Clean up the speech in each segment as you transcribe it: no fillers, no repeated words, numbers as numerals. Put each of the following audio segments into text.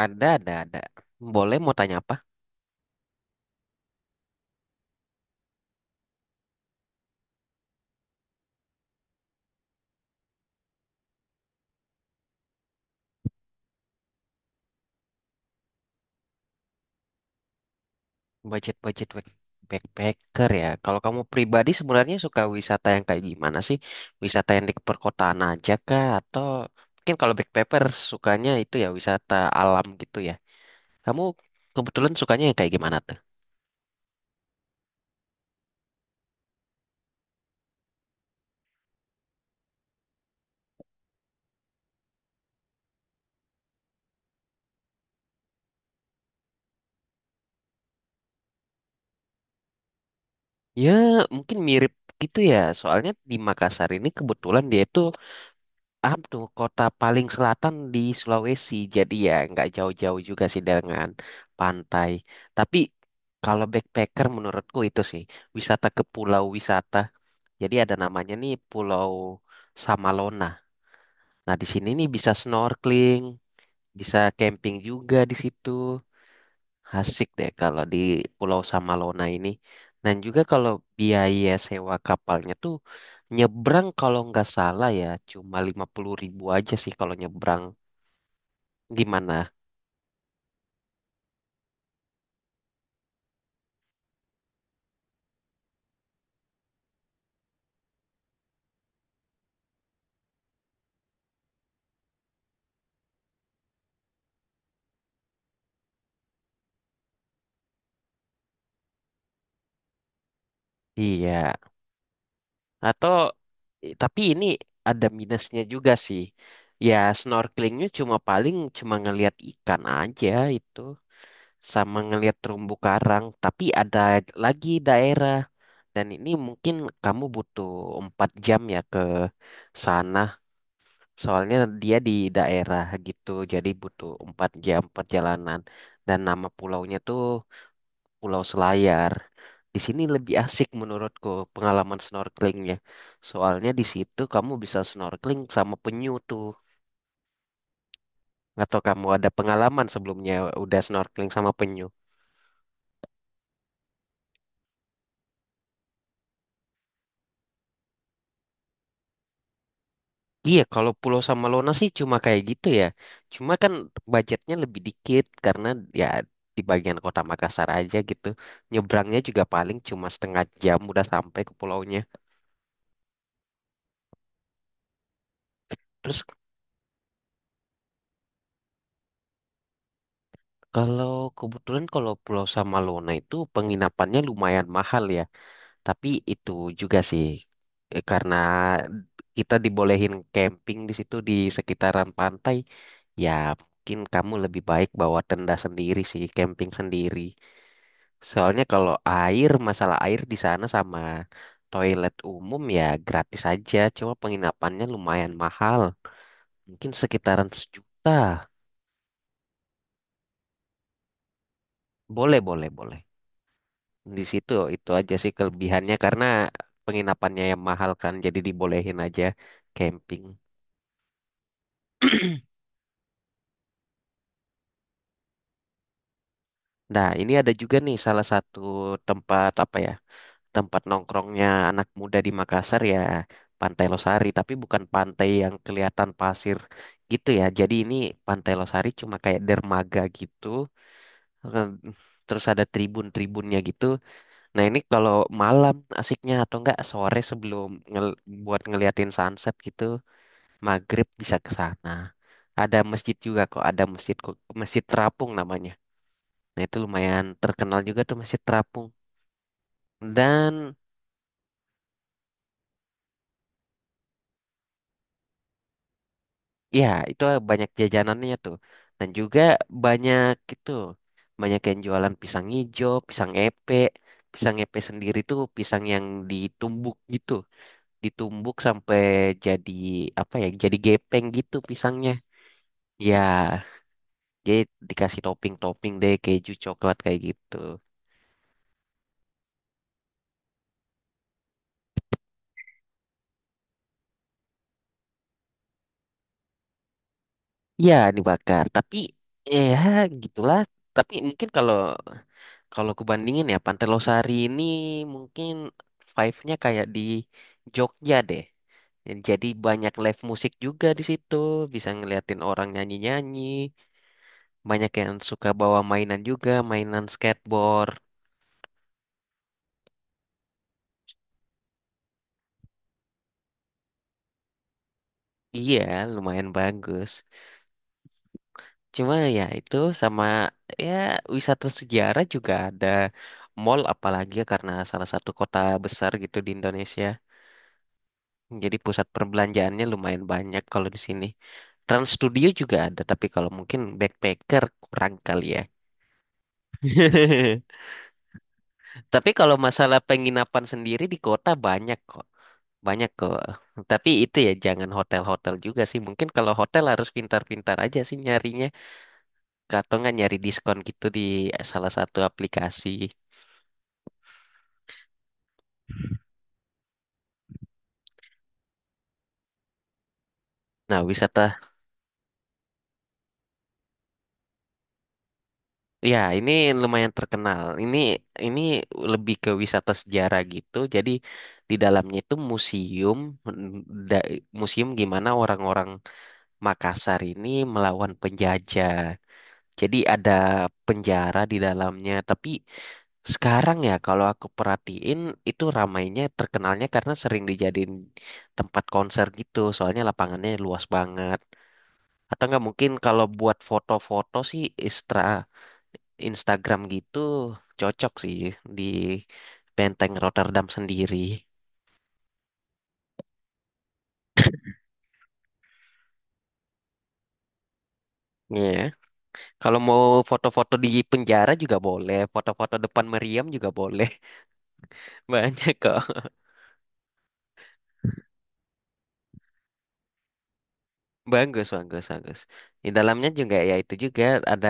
Ada, ada. Boleh mau tanya apa? Budget-budget backpacker ya. Kalau kamu pribadi sebenarnya suka wisata yang kayak gimana sih? Wisata yang di perkotaan aja kah? Atau mungkin kalau backpacker sukanya itu ya wisata alam gitu ya. Kamu kebetulan sukanya yang kayak gimana tuh? Ya mungkin mirip gitu ya. Soalnya di Makassar ini kebetulan dia itu Abdo, kota paling selatan di Sulawesi, jadi ya nggak jauh-jauh juga sih dengan pantai. Tapi kalau backpacker menurutku itu sih wisata ke pulau wisata. Jadi ada namanya nih Pulau Samalona. Nah di sini nih bisa snorkeling, bisa camping juga di situ. Asik deh kalau di Pulau Samalona ini. Dan juga kalau biaya sewa kapalnya tuh nyebrang kalau nggak salah ya cuma 50.000 aja sih kalau nyebrang. Gimana? Iya. Atau tapi ini ada minusnya juga sih. Ya snorkelingnya cuma paling cuma ngelihat ikan aja itu sama ngelihat terumbu karang. Tapi ada lagi daerah dan ini mungkin kamu butuh 4 jam ya ke sana. Soalnya dia di daerah gitu jadi butuh 4 jam perjalanan dan nama pulaunya tuh Pulau Selayar. Di sini lebih asik menurutku pengalaman snorkelingnya. Soalnya di situ kamu bisa snorkeling sama penyu tuh. Atau kamu ada pengalaman sebelumnya udah snorkeling sama penyu? Iya, kalau Pulau Samalona sih cuma kayak gitu ya. Cuma kan budgetnya lebih dikit karena ya di bagian kota Makassar aja gitu. Nyebrangnya juga paling cuma setengah jam udah sampai ke pulaunya. Terus kalau kebetulan kalau Pulau Samalona itu penginapannya lumayan mahal ya. Tapi itu juga sih, karena kita dibolehin camping di situ di sekitaran pantai, ya mungkin kamu lebih baik bawa tenda sendiri sih, camping sendiri. Soalnya kalau air, masalah air di sana sama toilet umum ya gratis aja, cuma penginapannya lumayan mahal. Mungkin sekitaran sejuta. Boleh, boleh, boleh. Di situ itu aja sih kelebihannya karena penginapannya yang mahal kan, jadi dibolehin aja camping. Nah, ini ada juga nih salah satu tempat apa ya? Tempat nongkrongnya anak muda di Makassar ya, Pantai Losari, tapi bukan pantai yang kelihatan pasir gitu ya. Jadi ini Pantai Losari cuma kayak dermaga gitu. eh, Terus ada tribun-tribunnya gitu. Nah, ini kalau malam asiknya atau enggak sore sebelum buat ngeliatin sunset gitu, maghrib bisa ke sana. Ada masjid juga kok, ada masjid masjid terapung namanya. Nah itu lumayan terkenal juga tuh masih terapung. Dan ya itu banyak jajanannya tuh. Dan juga banyak itu banyak yang jualan pisang hijau pisang epe. Pisang epe sendiri tuh pisang yang ditumbuk gitu. Ditumbuk sampai jadi apa ya? Jadi gepeng gitu pisangnya. Ya, jadi dikasih topping-topping deh keju coklat kayak gitu. Ya, dibakar. Tapi ya gitulah. Tapi mungkin kalau kalau aku bandingin ya, Pantelosari ini mungkin vibe-nya kayak di Jogja deh. Jadi banyak live musik juga di situ, bisa ngeliatin orang nyanyi-nyanyi. Banyak yang suka bawa mainan juga, mainan skateboard. Iya, lumayan bagus. Cuma ya itu sama ya wisata sejarah juga ada, mall apalagi ya karena salah satu kota besar gitu di Indonesia. Jadi pusat perbelanjaannya lumayan banyak kalau di sini. Trans Studio juga ada, tapi kalau mungkin backpacker kurang kali ya. Tapi kalau masalah penginapan sendiri di kota banyak kok. Banyak kok. Tapi itu ya jangan hotel-hotel juga sih. Mungkin kalau hotel harus pintar-pintar aja sih nyarinya. Atau nggak nyari diskon gitu di salah satu aplikasi. Nah, wisata ya, ini lumayan terkenal. Ini lebih ke wisata sejarah gitu. Jadi di dalamnya itu museum, mm, da- museum gimana orang-orang Makassar ini melawan penjajah. Jadi ada penjara di dalamnya. Tapi sekarang ya kalau aku perhatiin itu ramainya terkenalnya karena sering dijadiin tempat konser gitu. Soalnya lapangannya luas banget. Atau nggak mungkin kalau buat foto-foto sih, Istra Instagram gitu cocok sih di Benteng Rotterdam sendiri. Iya. Kalau mau foto-foto di penjara juga boleh, foto-foto depan meriam juga boleh. Banyak kok. Bagus, bagus, bagus. Di dalamnya juga ya itu juga ada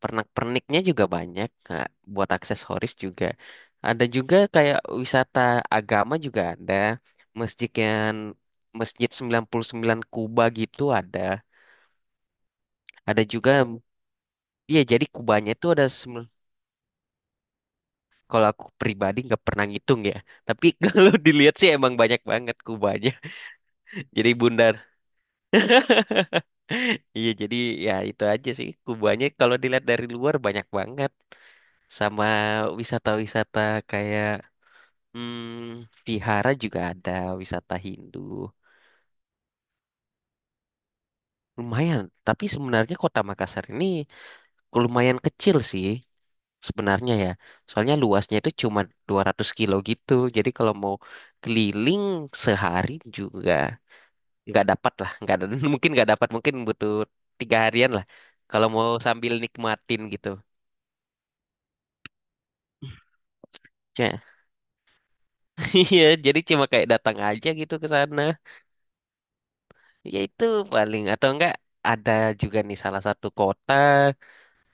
pernak-perniknya juga banyak. Nah, buat aksesoris juga. Ada juga kayak wisata agama juga ada. Masjid yang Masjid 99 Kuba gitu ada. Ada juga iya, jadi kubahnya itu ada kalau aku pribadi nggak pernah ngitung ya. Tapi kalau dilihat sih emang banyak banget kubahnya. Jadi bundar. Iya, jadi ya itu aja sih. Kubahnya kalau dilihat dari luar banyak banget. Sama wisata-wisata kayak vihara juga ada wisata Hindu. Lumayan, tapi sebenarnya kota Makassar ini lumayan kecil sih. Sebenarnya ya. Soalnya luasnya itu cuma 200 kilo gitu. Jadi kalau mau keliling sehari juga nggak dapat lah. Nggak ada, mungkin nggak dapat. Mungkin butuh tiga harian lah. Kalau mau sambil nikmatin gitu. Ya, iya, jadi cuma kayak datang aja gitu ke sana. Ya itu paling atau enggak ada juga nih salah satu kota,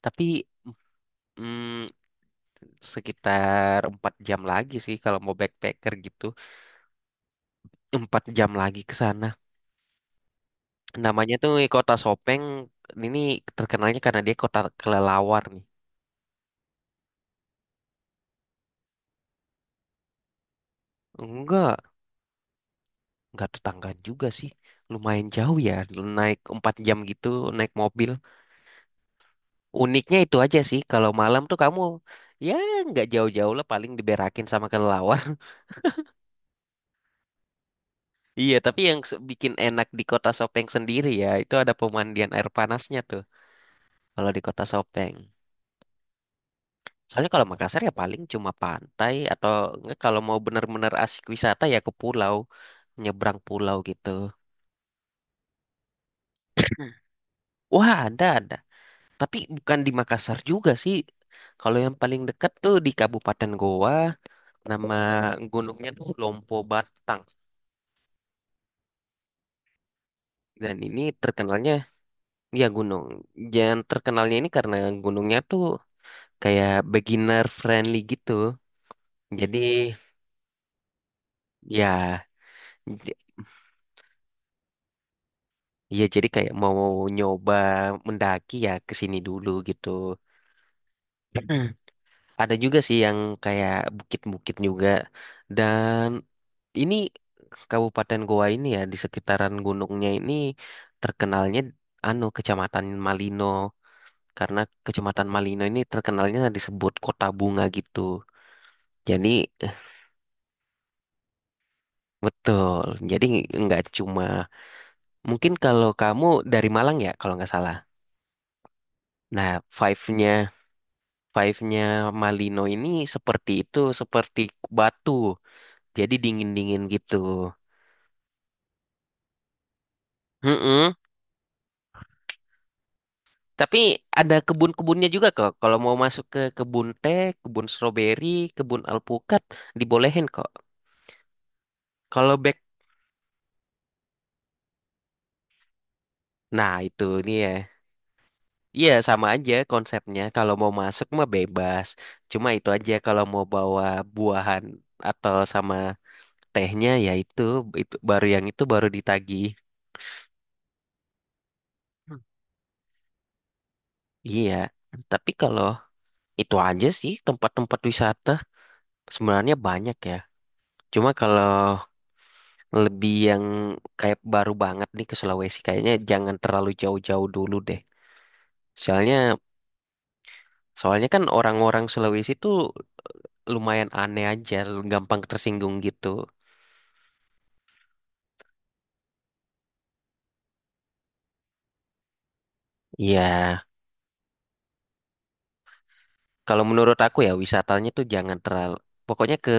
tapi mm, sekitar 4 jam lagi sih kalau mau backpacker gitu, empat jam lagi ke sana. Namanya tuh Kota Sopeng. Ini terkenalnya karena dia kota kelelawar nih. Enggak, enggak tetanggaan juga sih. Lumayan jauh ya, naik 4 jam gitu, naik mobil. Uniknya itu aja sih, kalau malam tuh kamu ya nggak jauh-jauh lah paling diberakin sama kelelawar. Iya, tapi yang bikin enak di Kota Sopeng sendiri ya, itu ada pemandian air panasnya tuh. Kalau di Kota Sopeng. Soalnya kalau Makassar ya paling cuma pantai atau enggak kalau mau benar-benar asik wisata ya ke pulau, nyebrang pulau gitu. Wah, ada ada. Tapi bukan di Makassar juga sih. Kalau yang paling dekat tuh di Kabupaten Goa, nama gunungnya tuh Lompo Batang. Dan ini terkenalnya ya gunung. Yang terkenalnya ini karena gunungnya tuh kayak beginner friendly gitu. Jadi ya iya, jadi kayak mau nyoba mendaki ya ke sini dulu gitu. Mm. Ada juga sih yang kayak bukit-bukit juga. Dan ini Kabupaten Goa ini ya di sekitaran gunungnya ini terkenalnya anu Kecamatan Malino karena Kecamatan Malino ini terkenalnya disebut kota bunga gitu. Jadi eh, betul. Jadi nggak cuma mungkin kalau kamu dari Malang ya kalau nggak salah. Nah, five-nya Five-nya Malino ini seperti itu, seperti batu. Jadi dingin-dingin gitu. Mm-mm. Tapi ada kebun-kebunnya juga kok. Kalau mau masuk ke kebun teh, kebun stroberi, kebun alpukat, dibolehin kok. Kalau back, nah itu dia. Iya sama aja konsepnya. Kalau mau masuk mah bebas. Cuma itu aja kalau mau bawa buahan atau sama tehnya ya itu baru yang itu baru ditagih. Hmm. Iya. Tapi kalau itu aja sih tempat-tempat wisata sebenarnya banyak ya. Cuma kalau lebih yang kayak baru banget nih ke Sulawesi kayaknya jangan terlalu jauh-jauh dulu deh. Soalnya soalnya kan orang-orang Sulawesi tuh lumayan aneh aja, gampang tersinggung gitu. Iya, kalau menurut aku ya wisatanya tuh jangan terlalu pokoknya ke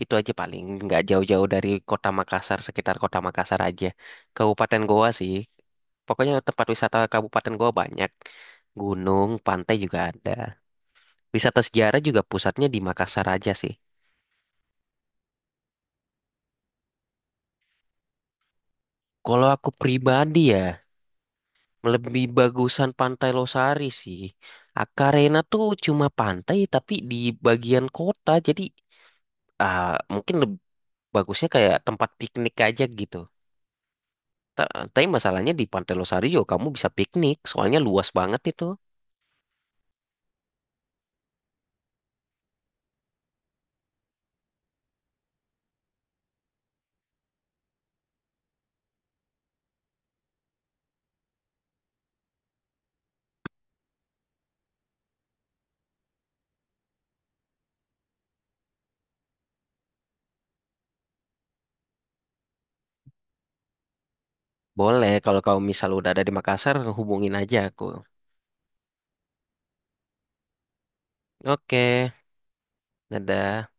itu aja paling nggak jauh-jauh dari kota Makassar, sekitar kota Makassar aja. Kabupaten Goa sih. Pokoknya tempat wisata Kabupaten Goa banyak. Gunung, pantai juga ada. Wisata sejarah juga pusatnya di Makassar aja sih. Kalau aku pribadi ya, lebih bagusan Pantai Losari sih. Akarena tuh cuma pantai tapi di bagian kota, jadi ah, mungkin bagusnya kayak tempat piknik aja gitu. Tapi masalahnya di Pantai Losario kamu bisa piknik, soalnya luas banget itu. Boleh, kalau kamu misal udah ada di Makassar, hubungin aja aku. Oke, dadah.